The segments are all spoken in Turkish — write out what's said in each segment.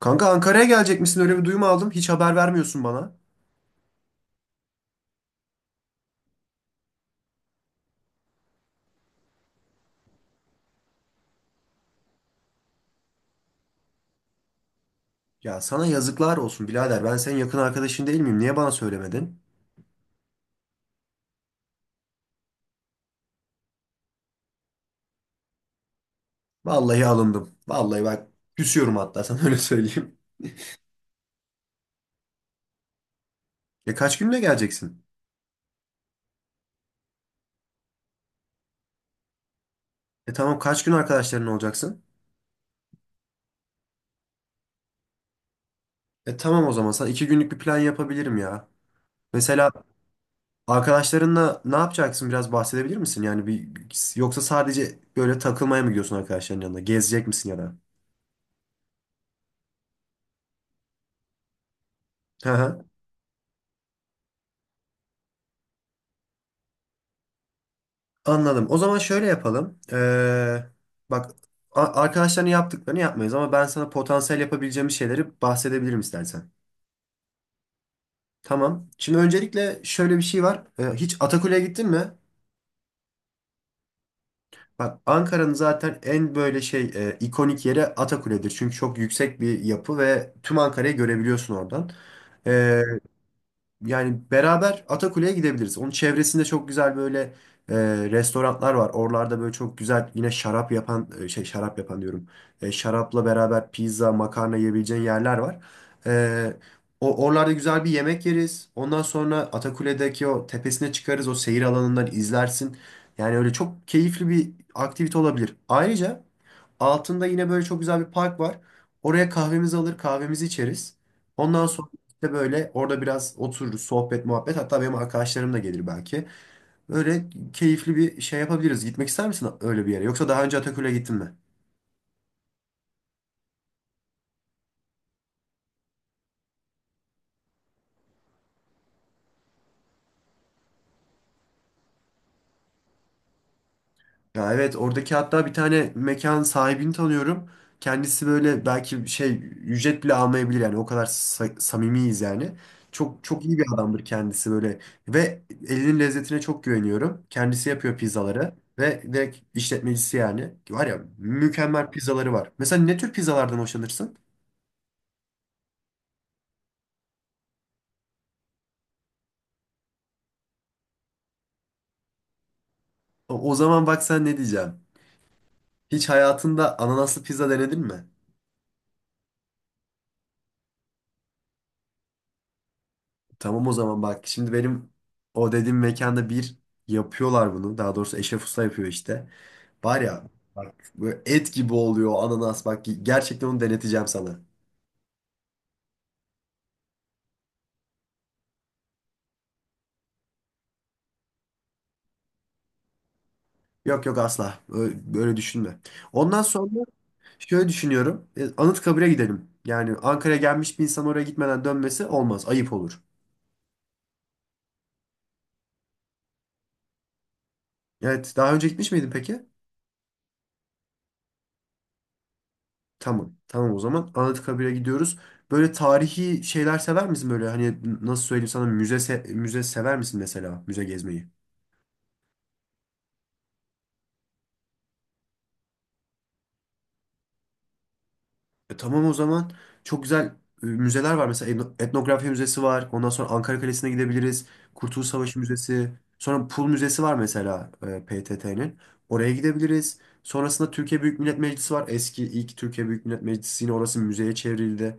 Kanka Ankara'ya gelecek misin? Öyle bir duyum aldım. Hiç haber vermiyorsun bana. Ya sana yazıklar olsun birader. Ben senin yakın arkadaşın değil miyim? Niye bana söylemedin? Vallahi alındım. Vallahi bak küsüyorum hatta sana öyle söyleyeyim. Kaç günle geleceksin? Tamam, kaç gün arkadaşların olacaksın? Tamam, o zaman sana iki günlük bir plan yapabilirim ya. Mesela arkadaşlarınla ne yapacaksın, biraz bahsedebilir misin? Yani bir, yoksa sadece böyle takılmaya mı gidiyorsun arkadaşların yanına? Gezecek misin ya da? Anladım. O zaman şöyle yapalım. Bak, arkadaşların yaptıklarını yapmayız ama ben sana potansiyel yapabileceğim şeyleri bahsedebilirim istersen. Tamam. Şimdi öncelikle şöyle bir şey var. Hiç Atakule'ye gittin mi? Bak, Ankara'nın zaten en böyle ikonik yeri Atakule'dir. Çünkü çok yüksek bir yapı ve tüm Ankara'yı görebiliyorsun oradan. Ee, Yani beraber Atakule'ye gidebiliriz. Onun çevresinde çok güzel böyle e, restoranlar var. Oralarda böyle çok güzel yine şarap yapan şarap yapan diyorum. Şarapla beraber pizza, makarna yiyebileceğin yerler var. E, o oralarda güzel bir yemek yeriz. Ondan sonra Atakule'deki o tepesine çıkarız. O seyir alanından izlersin. Yani öyle çok keyifli bir aktivite olabilir. Ayrıca altında yine böyle çok güzel bir park var. Oraya kahvemizi alır, kahvemizi içeriz. Ondan sonra de böyle orada biraz otururuz, sohbet, muhabbet. Hatta benim arkadaşlarım da gelir belki. Böyle keyifli bir şey yapabiliriz. Gitmek ister misin öyle bir yere? Yoksa daha önce Ataköy'e gittin mi? Ya evet, oradaki hatta bir tane mekan sahibini tanıyorum. Kendisi böyle belki ücret bile almayabilir yani, o kadar samimiyiz yani. Çok çok iyi bir adamdır kendisi böyle ve elinin lezzetine çok güveniyorum. Kendisi yapıyor pizzaları ve direkt işletmecisi yani. Var ya, mükemmel pizzaları var. Mesela ne tür pizzalardan hoşlanırsın? O zaman bak, sen ne diyeceğim. Hiç hayatında ananaslı pizza denedin mi? Tamam o zaman bak. Şimdi benim o dediğim mekanda bir yapıyorlar bunu. Daha doğrusu Eşref Usta yapıyor işte. Var ya bak, böyle et gibi oluyor o ananas. Bak gerçekten onu deneteceğim sana. Yok yok, asla. Öyle, böyle düşünme. Ondan sonra şöyle düşünüyorum. Anıtkabir'e gidelim. Yani Ankara'ya gelmiş bir insan oraya gitmeden dönmesi olmaz. Ayıp olur. Evet. Daha önce gitmiş miydin peki? Tamam. Tamam o zaman. Anıtkabir'e gidiyoruz. Böyle tarihi şeyler sever misin, böyle hani nasıl söyleyeyim sana, müze müze sever misin, mesela müze gezmeyi? Tamam o zaman. Çok güzel müzeler var. Mesela etnografya müzesi var. Ondan sonra Ankara Kalesi'ne gidebiliriz. Kurtuluş Savaşı Müzesi. Sonra Pul Müzesi var mesela, PTT'nin. Oraya gidebiliriz. Sonrasında Türkiye Büyük Millet Meclisi var. Eski ilk Türkiye Büyük Millet Meclisi yine orası müzeye çevrildi.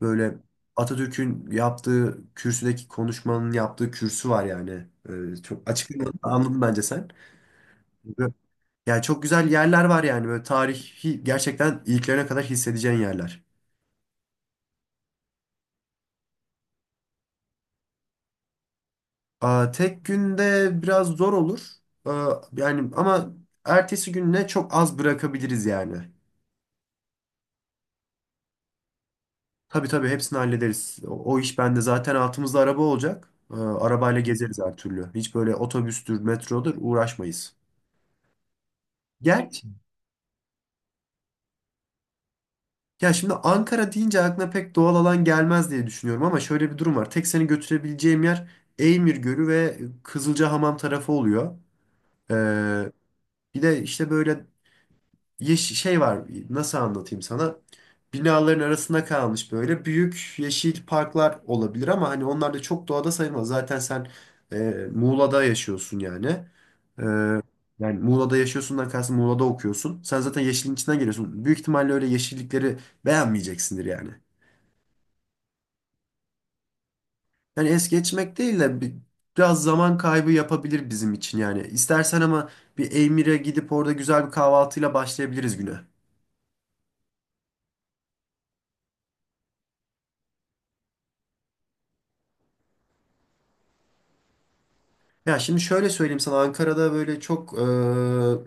Böyle Atatürk'ün yaptığı kürsüdeki konuşmanın yaptığı kürsü var yani. Çok açıklamanı da anladın bence sen. Böyle- Yani çok güzel yerler var yani, böyle tarihi gerçekten iliklerine kadar hissedeceğin yerler. Tek günde biraz zor olur. Yani ama ertesi gününe çok az bırakabiliriz yani. Tabii tabii, hepsini hallederiz. O iş bende, zaten altımızda araba olacak. Arabayla gezeriz her türlü. Hiç böyle otobüstür, metrodur uğraşmayız. Gerçi ya şimdi Ankara deyince aklına pek doğal alan gelmez diye düşünüyorum ama şöyle bir durum var. Tek seni götürebileceğim yer Eymir Gölü ve Kızılcahamam tarafı oluyor. Ee, Bir de işte böyle yeş şey var, nasıl anlatayım sana? Binaların arasında kalmış böyle büyük yeşil parklar olabilir ama hani onlar da çok doğada sayılmaz. Zaten sen e, Muğla'da yaşıyorsun yani. Ee, Yani Muğla'da yaşıyorsundan kastım Muğla'da okuyorsun. Sen zaten yeşilin içinden geliyorsun. Büyük ihtimalle öyle yeşillikleri beğenmeyeceksindir yani. Yani es geçmek değil de biraz zaman kaybı yapabilir bizim için yani. İstersen ama bir Eymir'e gidip orada güzel bir kahvaltıyla başlayabiliriz güne. Ya şimdi şöyle söyleyeyim sana, Ankara'da böyle çok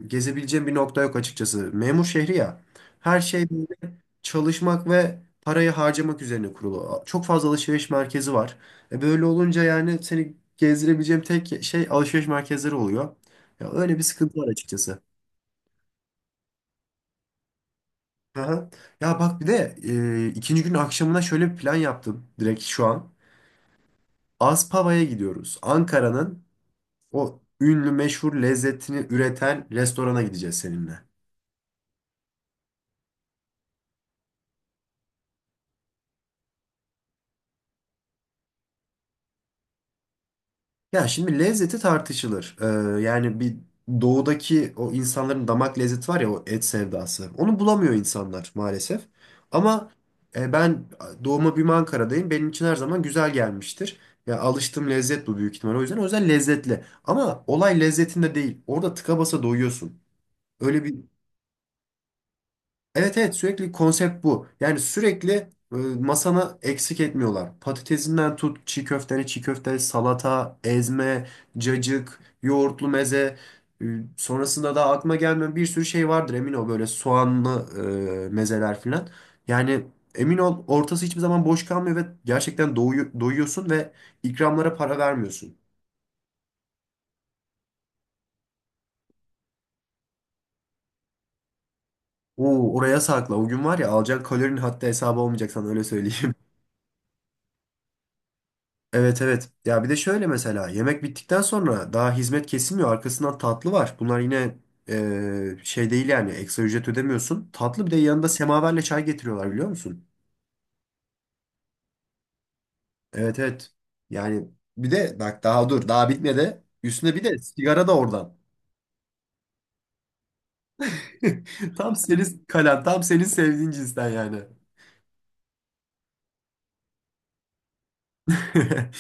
gezebileceğim bir nokta yok açıkçası. Memur şehri ya. Her şey böyle çalışmak ve parayı harcamak üzerine kurulu. Çok fazla alışveriş merkezi var. E böyle olunca yani seni gezdirebileceğim tek şey alışveriş merkezleri oluyor. Ya öyle bir sıkıntı var açıkçası. Aha. Ya bak bir de ikinci gün akşamına şöyle bir plan yaptım direkt şu an. Aspava'ya gidiyoruz. Ankara'nın o ünlü meşhur lezzetini üreten restorana gideceğiz seninle. Ya şimdi lezzeti tartışılır. Yani bir doğudaki o insanların damak lezzeti var ya, o et sevdası. Onu bulamıyor insanlar maalesef. Ama ben doğuma büyüme Ankara'dayım. Benim için her zaman güzel gelmiştir. Ya alıştığım lezzet bu büyük ihtimal. O yüzden lezzetli. Ama olay lezzetinde değil. Orada tıka basa doyuyorsun. Öyle bir evet evet, sürekli konsept bu. Yani sürekli masana eksik etmiyorlar. Patatesinden tut, çiğ köfteni, çiğ köfte, salata, ezme, cacık, yoğurtlu meze. e, Sonrasında da aklıma gelmeyen bir sürü şey vardır emin ol, böyle soğanlı mezeler filan. Yani emin ol, ortası hiçbir zaman boş kalmıyor ve gerçekten doyuyorsun ve ikramlara para vermiyorsun. Oo, oraya sakla. O gün var ya, alacağın kalorinin hatta hesabı olmayacak sana öyle söyleyeyim. Evet evet. Ya bir de şöyle mesela yemek bittikten sonra daha hizmet kesilmiyor. Arkasından tatlı var. Bunlar yine değil yani, ekstra ücret ödemiyorsun. Tatlı bir de yanında semaverle çay getiriyorlar, biliyor musun? Evet evet. Yani bir de bak, daha dur daha bitmedi. Üstüne bir de sigara da oradan. Tam senin kalan tam senin sevdiğin cinsten yani.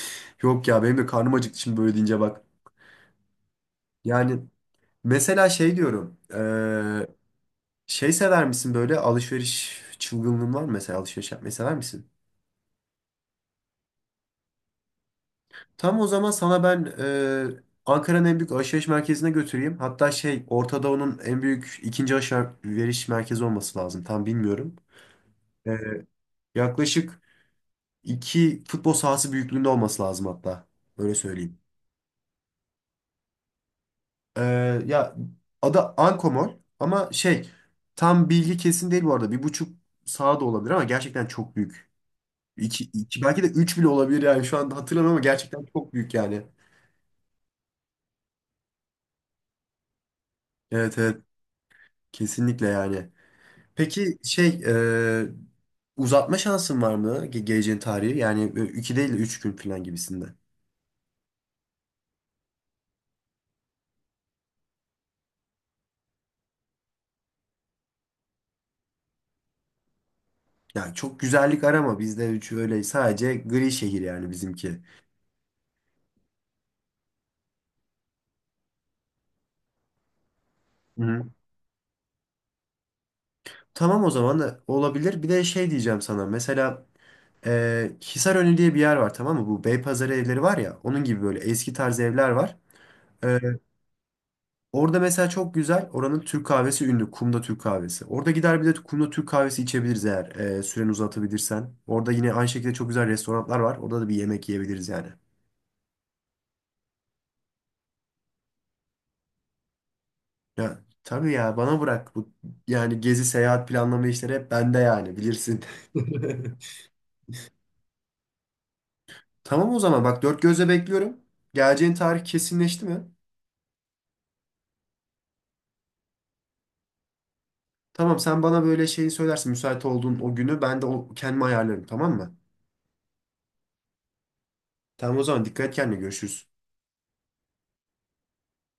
Yok ya, benim de karnım acıktı şimdi böyle deyince bak. Yani mesela şey diyorum. Şey sever misin, böyle alışveriş çılgınlığın var mı, mesela alışveriş yapmayı sever misin? Tam o zaman sana ben Ankara'nın en büyük alışveriş merkezine götüreyim. Hatta şey Orta Doğu'nun en büyük ikinci alışveriş merkezi olması lazım. Tam bilmiyorum. E, Yaklaşık iki futbol sahası büyüklüğünde olması lazım hatta. Öyle söyleyeyim. E, Ya adı Ankomol ama şey tam bilgi kesin değil bu arada. Bir buçuk saha da olabilir ama gerçekten çok büyük. İki, iki, belki de üç bile olabilir yani şu anda hatırlamıyorum ama gerçekten çok büyük yani. Evet evet, kesinlikle yani. Peki şey uzatma şansın var mı geleceğin tarihi? Yani iki değil de üç gün falan gibisinde. Yani çok güzellik arama bizde, üç öyle sadece gri şehir yani bizimki. Hı. Tamam, o zaman da olabilir. Bir de şey diyeceğim sana, mesela Hisarönü diye bir yer var, tamam mı? Bu Beypazarı evleri var ya, onun gibi böyle eski tarz evler var. Orada mesela çok güzel. Oranın Türk kahvesi ünlü. Kumda Türk kahvesi. Orada gider bir de Kumda Türk kahvesi içebiliriz eğer süreni uzatabilirsen. Orada yine aynı şekilde çok güzel restoranlar var. Orada da bir yemek yiyebiliriz yani. Ya tabii ya, bana bırak bu, yani gezi seyahat planlama işleri hep bende yani, bilirsin. Tamam o zaman bak, dört gözle bekliyorum. Geleceğin tarih kesinleşti mi? Tamam, sen bana böyle şeyi söylersin müsait olduğun o günü, ben de kendimi ayarlarım tamam mı? Tamam o zaman, dikkat et kendine, görüşürüz.